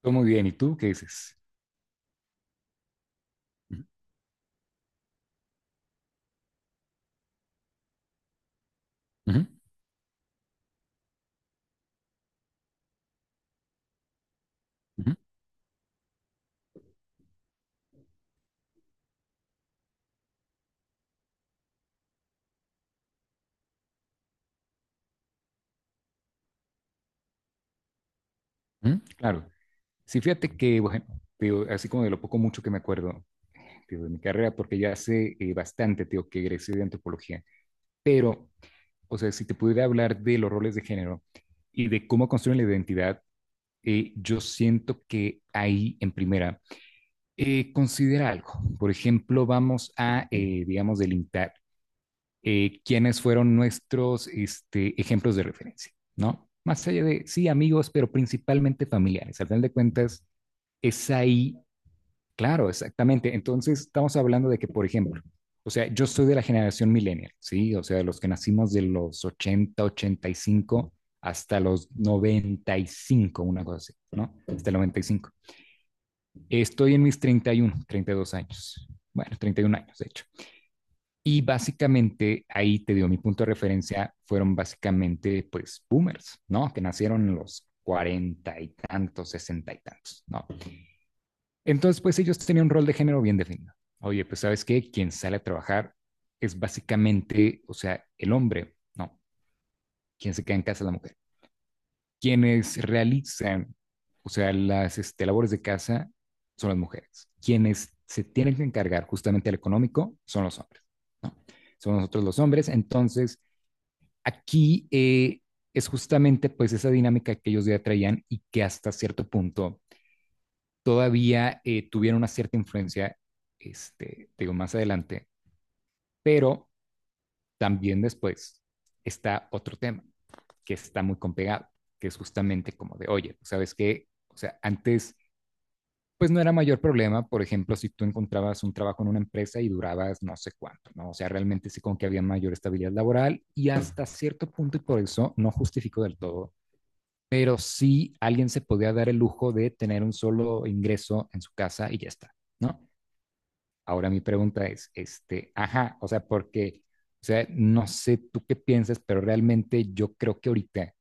Todo muy bien. ¿Y tú qué dices? Ujú, ujú, ujú, ujú, claro. Sí, fíjate que, bueno, tío, así como de lo poco mucho que me acuerdo tío, de mi carrera, porque ya hace bastante, tío, que egresé de antropología. Pero, o sea, si te pudiera hablar de los roles de género y de cómo construyen la identidad, yo siento que ahí, en primera, considera algo. Por ejemplo, vamos a, digamos, delimitar quiénes fueron nuestros ejemplos de referencia, ¿no? Más allá de, sí, amigos, pero principalmente familiares. Al final de cuentas, es ahí, claro, exactamente. Entonces, estamos hablando de que, por ejemplo, o sea, yo soy de la generación millennial, ¿sí? O sea, de los que nacimos de los ochenta 85 hasta los 95, una cosa así, ¿no? Hasta el 95. Estoy en mis 30 31, 32 años. Bueno, 31 años, de hecho. Y básicamente ahí te dio mi punto de referencia, fueron básicamente pues boomers, ¿no? Que nacieron en los cuarenta y tantos, sesenta y tantos, ¿no? Entonces pues ellos tenían un rol de género bien definido. Oye, pues sabes qué, quien sale a trabajar es básicamente, o sea, el hombre, ¿no? Quien se queda en casa es la mujer. Quienes realizan, o sea, las labores de casa son las mujeres. Quienes se tienen que encargar justamente al económico son los hombres, ¿no? Son nosotros los hombres, entonces. Aquí es justamente pues esa dinámica que ellos ya traían y que hasta cierto punto todavía tuvieron una cierta influencia, digo, más adelante, pero también después está otro tema que está muy compegado, que es justamente como de, oye, pues, ¿sabes qué? O sea, antes pues no era mayor problema, por ejemplo, si tú encontrabas un trabajo en una empresa y durabas no sé cuánto, ¿no? O sea, realmente sí como que había mayor estabilidad laboral y hasta cierto punto, y por eso no justifico del todo, pero sí alguien se podía dar el lujo de tener un solo ingreso en su casa y ya está, ¿no? Ahora mi pregunta es, ajá, o sea, porque, o sea, no sé tú qué piensas, pero realmente yo creo que ahorita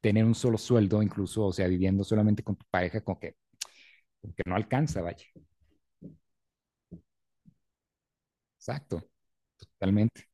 tener un solo sueldo, incluso, o sea, viviendo solamente con tu pareja, como que no alcanza, vaya. Exacto, totalmente,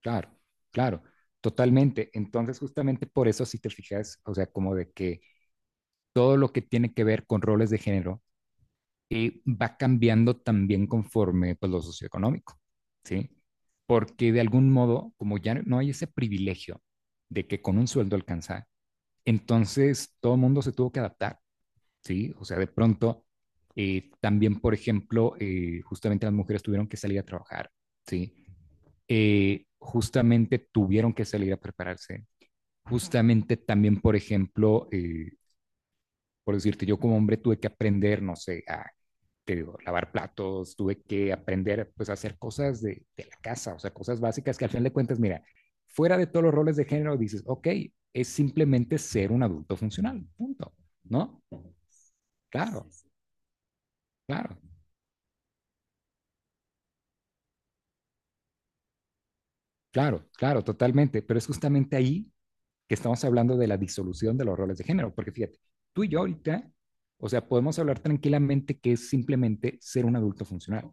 claro, claro, totalmente. Entonces, justamente por eso, si te fijas, o sea, como de que todo lo que tiene que ver con roles de género, va cambiando también conforme pues, lo socioeconómico, ¿sí? Porque de algún modo, como ya no hay ese privilegio de que con un sueldo alcanza, entonces todo el mundo se tuvo que adaptar, ¿sí? O sea, de pronto, también, por ejemplo, justamente las mujeres tuvieron que salir a trabajar, ¿sí? Justamente tuvieron que salir a prepararse. Justamente también, por ejemplo, por decirte, yo como hombre tuve que aprender, no sé, a te digo, lavar platos, tuve que aprender pues a hacer cosas de la casa, o sea, cosas básicas que al final de cuentas, mira, fuera de todos los roles de género, dices, ok, es simplemente ser un adulto funcional, punto, ¿no? Claro, claro, claro, claro, totalmente, pero es justamente ahí que estamos hablando de la disolución de los roles de género, porque fíjate, tú y yo ahorita, o sea, podemos hablar tranquilamente que es simplemente ser un adulto funcional.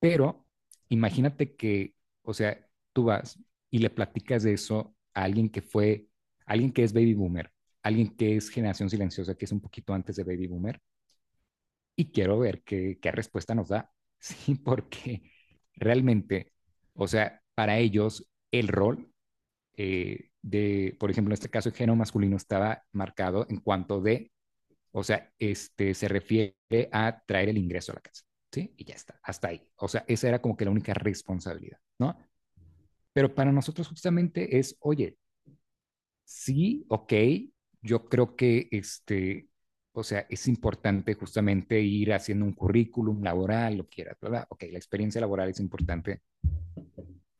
Pero imagínate que, o sea, tú vas y le platicas de eso a alguien que fue, alguien que es baby boomer, alguien que es generación silenciosa, que es un poquito antes de baby boomer, y quiero ver qué respuesta nos da. Sí, porque realmente, o sea, para ellos el rol de, por ejemplo, en este caso, el género masculino estaba marcado en cuanto de o sea, se refiere a traer el ingreso a la casa, ¿sí? Y ya está, hasta ahí. O sea, esa era como que la única responsabilidad, ¿no? Pero para nosotros justamente es, oye, sí, ok, yo creo que o sea, es importante justamente ir haciendo un currículum laboral, lo que quieras, ¿verdad? Ok, la experiencia laboral es importante,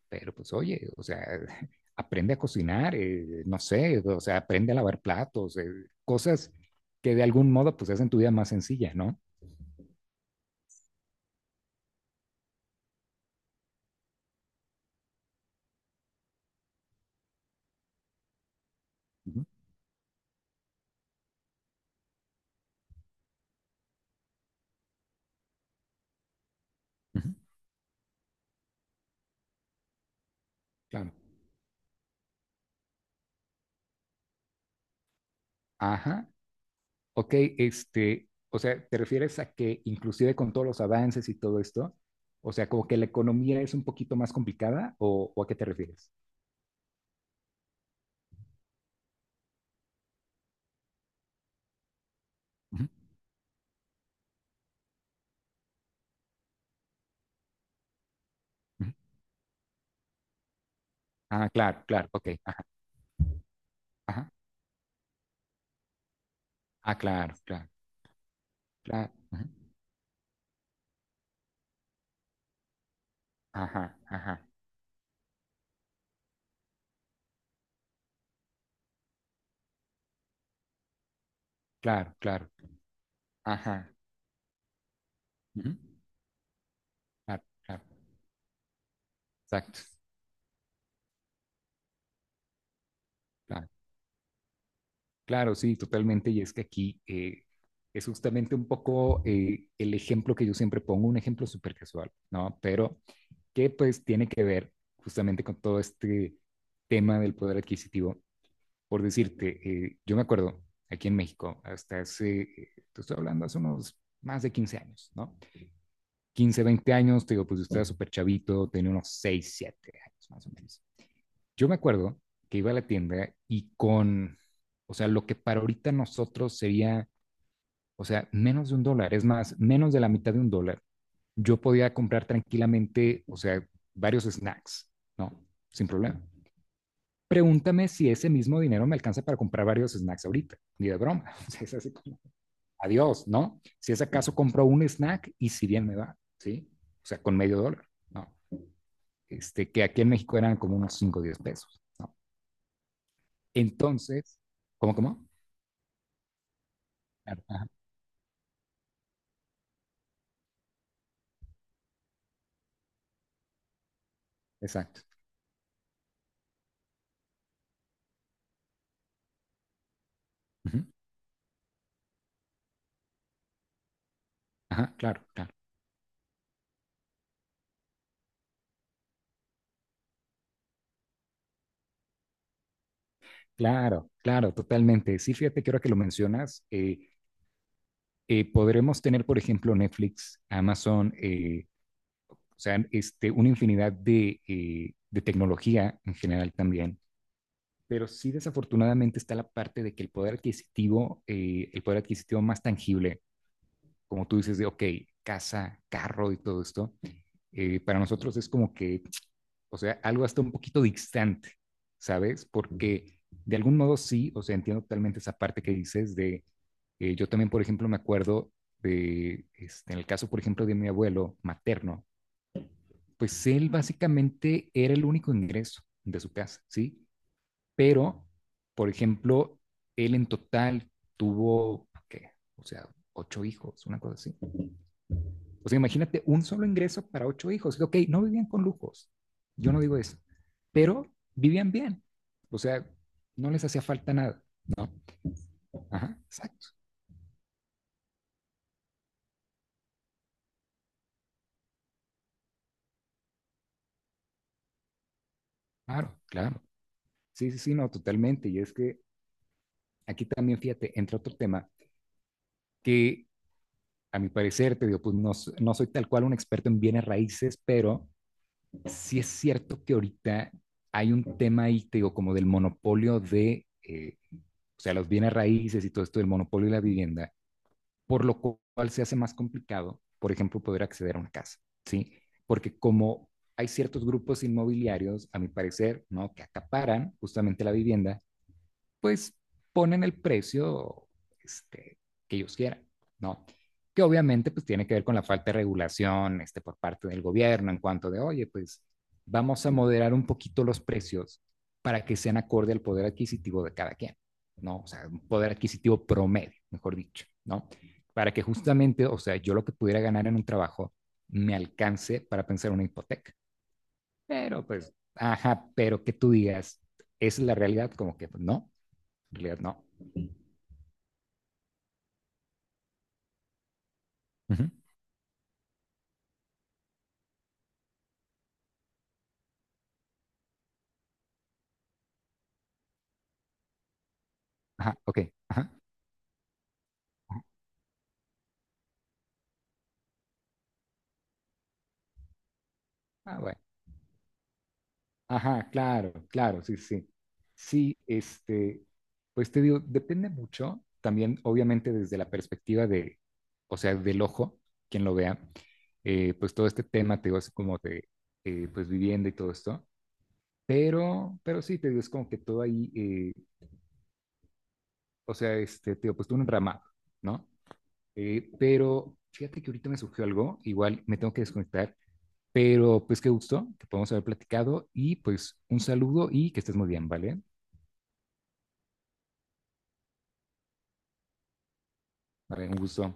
pero pues oye, o sea, aprende a cocinar, no sé, o sea, aprende a lavar platos, cosas que de algún modo pues hacen tu vida más sencilla, ¿no? Ujú, claro. Ajá. Ok, o sea, ¿te refieres a que inclusive con todos los avances y todo esto, o sea, como que la economía es un poquito más complicada o, a qué te refieres? Ujú, ujú. Ah, claro, claro, ok. Ajá, ajá. Ah, claro, claro, claro. Ujú. Ajá, ajá. Claro, claro. Ajá. Ujú. Claro, claro. Exacto. Claro, claro, sí, totalmente. Y es que aquí es justamente un poco el ejemplo que yo siempre pongo, un ejemplo súper casual, ¿no? Pero que pues tiene que ver justamente con todo este tema del poder adquisitivo. Por decirte, yo me acuerdo aquí en México, hasta hace, te estoy hablando hace unos más de 15 años, ¿no? 15 20 años, te digo, pues yo estaba súper chavito, tenía unos 6 7 años más o menos. Yo me acuerdo que iba a la tienda y con, o sea, lo que para ahorita nosotros sería, o sea, menos de un dólar, es más, menos de la mitad de un dólar, yo podía comprar tranquilamente, o sea, varios snacks, ¿no? Sin problema. Pregúntame si ese mismo dinero me alcanza para comprar varios snacks ahorita, ni de broma. O sea, es así como, adiós, ¿no? Si es acaso compro un snack y si bien me va, ¿sí? O sea, con medio dólar, ¿no? Que aquí en México eran como unos 5, o 10 pesos, ¿no? Entonces, ¿cómo, cómo? Claro, ajá, exacto. Ujú, ajá, claro, claro, claro, claro, totalmente. Sí, fíjate que ahora que lo mencionas, podremos tener, por ejemplo, Netflix, Amazon, o sea, una infinidad de tecnología en general también. Pero sí, desafortunadamente está la parte de que el poder adquisitivo más tangible, como tú dices, de, ok, casa, carro y todo esto, para nosotros es como que o sea, algo hasta un poquito distante, ¿sabes? Porque de algún modo sí, o sea, entiendo totalmente esa parte que dices de, yo también, por ejemplo, me acuerdo de, en el caso, por ejemplo, de mi abuelo materno, pues él básicamente era el único ingreso de su casa, ¿sí? Pero, por ejemplo, él en total tuvo, ¿qué? O sea, ocho hijos, una cosa así. O sea, imagínate un solo ingreso para ocho hijos. Ok, no vivían con lujos, yo no digo eso, pero vivían bien. O sea, no les hacía falta nada. No, ajá, exacto. Claro, claro. Sí, sí, sí, no, totalmente. Y es que aquí también, fíjate, entra otro tema que a mi parecer, te digo, pues no, no soy tal cual un experto en bienes raíces, pero sí es cierto que ahorita hay un tema ahí, te digo, como del monopolio de, o sea, los bienes raíces y todo esto del monopolio de la vivienda, por lo cual se hace más complicado, por ejemplo, poder acceder a una casa, ¿sí? Porque como hay ciertos grupos inmobiliarios, a mi parecer, ¿no? Que acaparan justamente la vivienda, pues ponen el precio este, que ellos quieran, ¿no? Que obviamente pues tiene que ver con la falta de regulación por parte del gobierno en cuanto de, oye, pues vamos a moderar un poquito los precios para que sean acorde al poder adquisitivo de cada quien, ¿no? O sea, un poder adquisitivo promedio, mejor dicho, ¿no? Para que justamente, o sea, yo lo que pudiera ganar en un trabajo me alcance para pensar una hipoteca. Pero pues, ajá, pero que tú digas, ¿esa es la realidad, como que pues, no, en realidad no? Ujú. Ajá, ok. Ajá. Ah, bueno. Ajá, claro, claro, sí, sí. Sí, pues te digo, depende mucho también, obviamente, desde la perspectiva de, o sea, del ojo, quien lo vea, pues todo este tema, te digo, así como de, pues vivienda y todo esto, pero sí, te digo, es como que todo ahí, o sea, te digo, pues tú un ramado, ¿no? Pero fíjate que ahorita me surgió algo, igual me tengo que desconectar. Pero pues qué gusto que podamos haber platicado y pues un saludo y que estés muy bien, ¿vale? Vale, un gusto.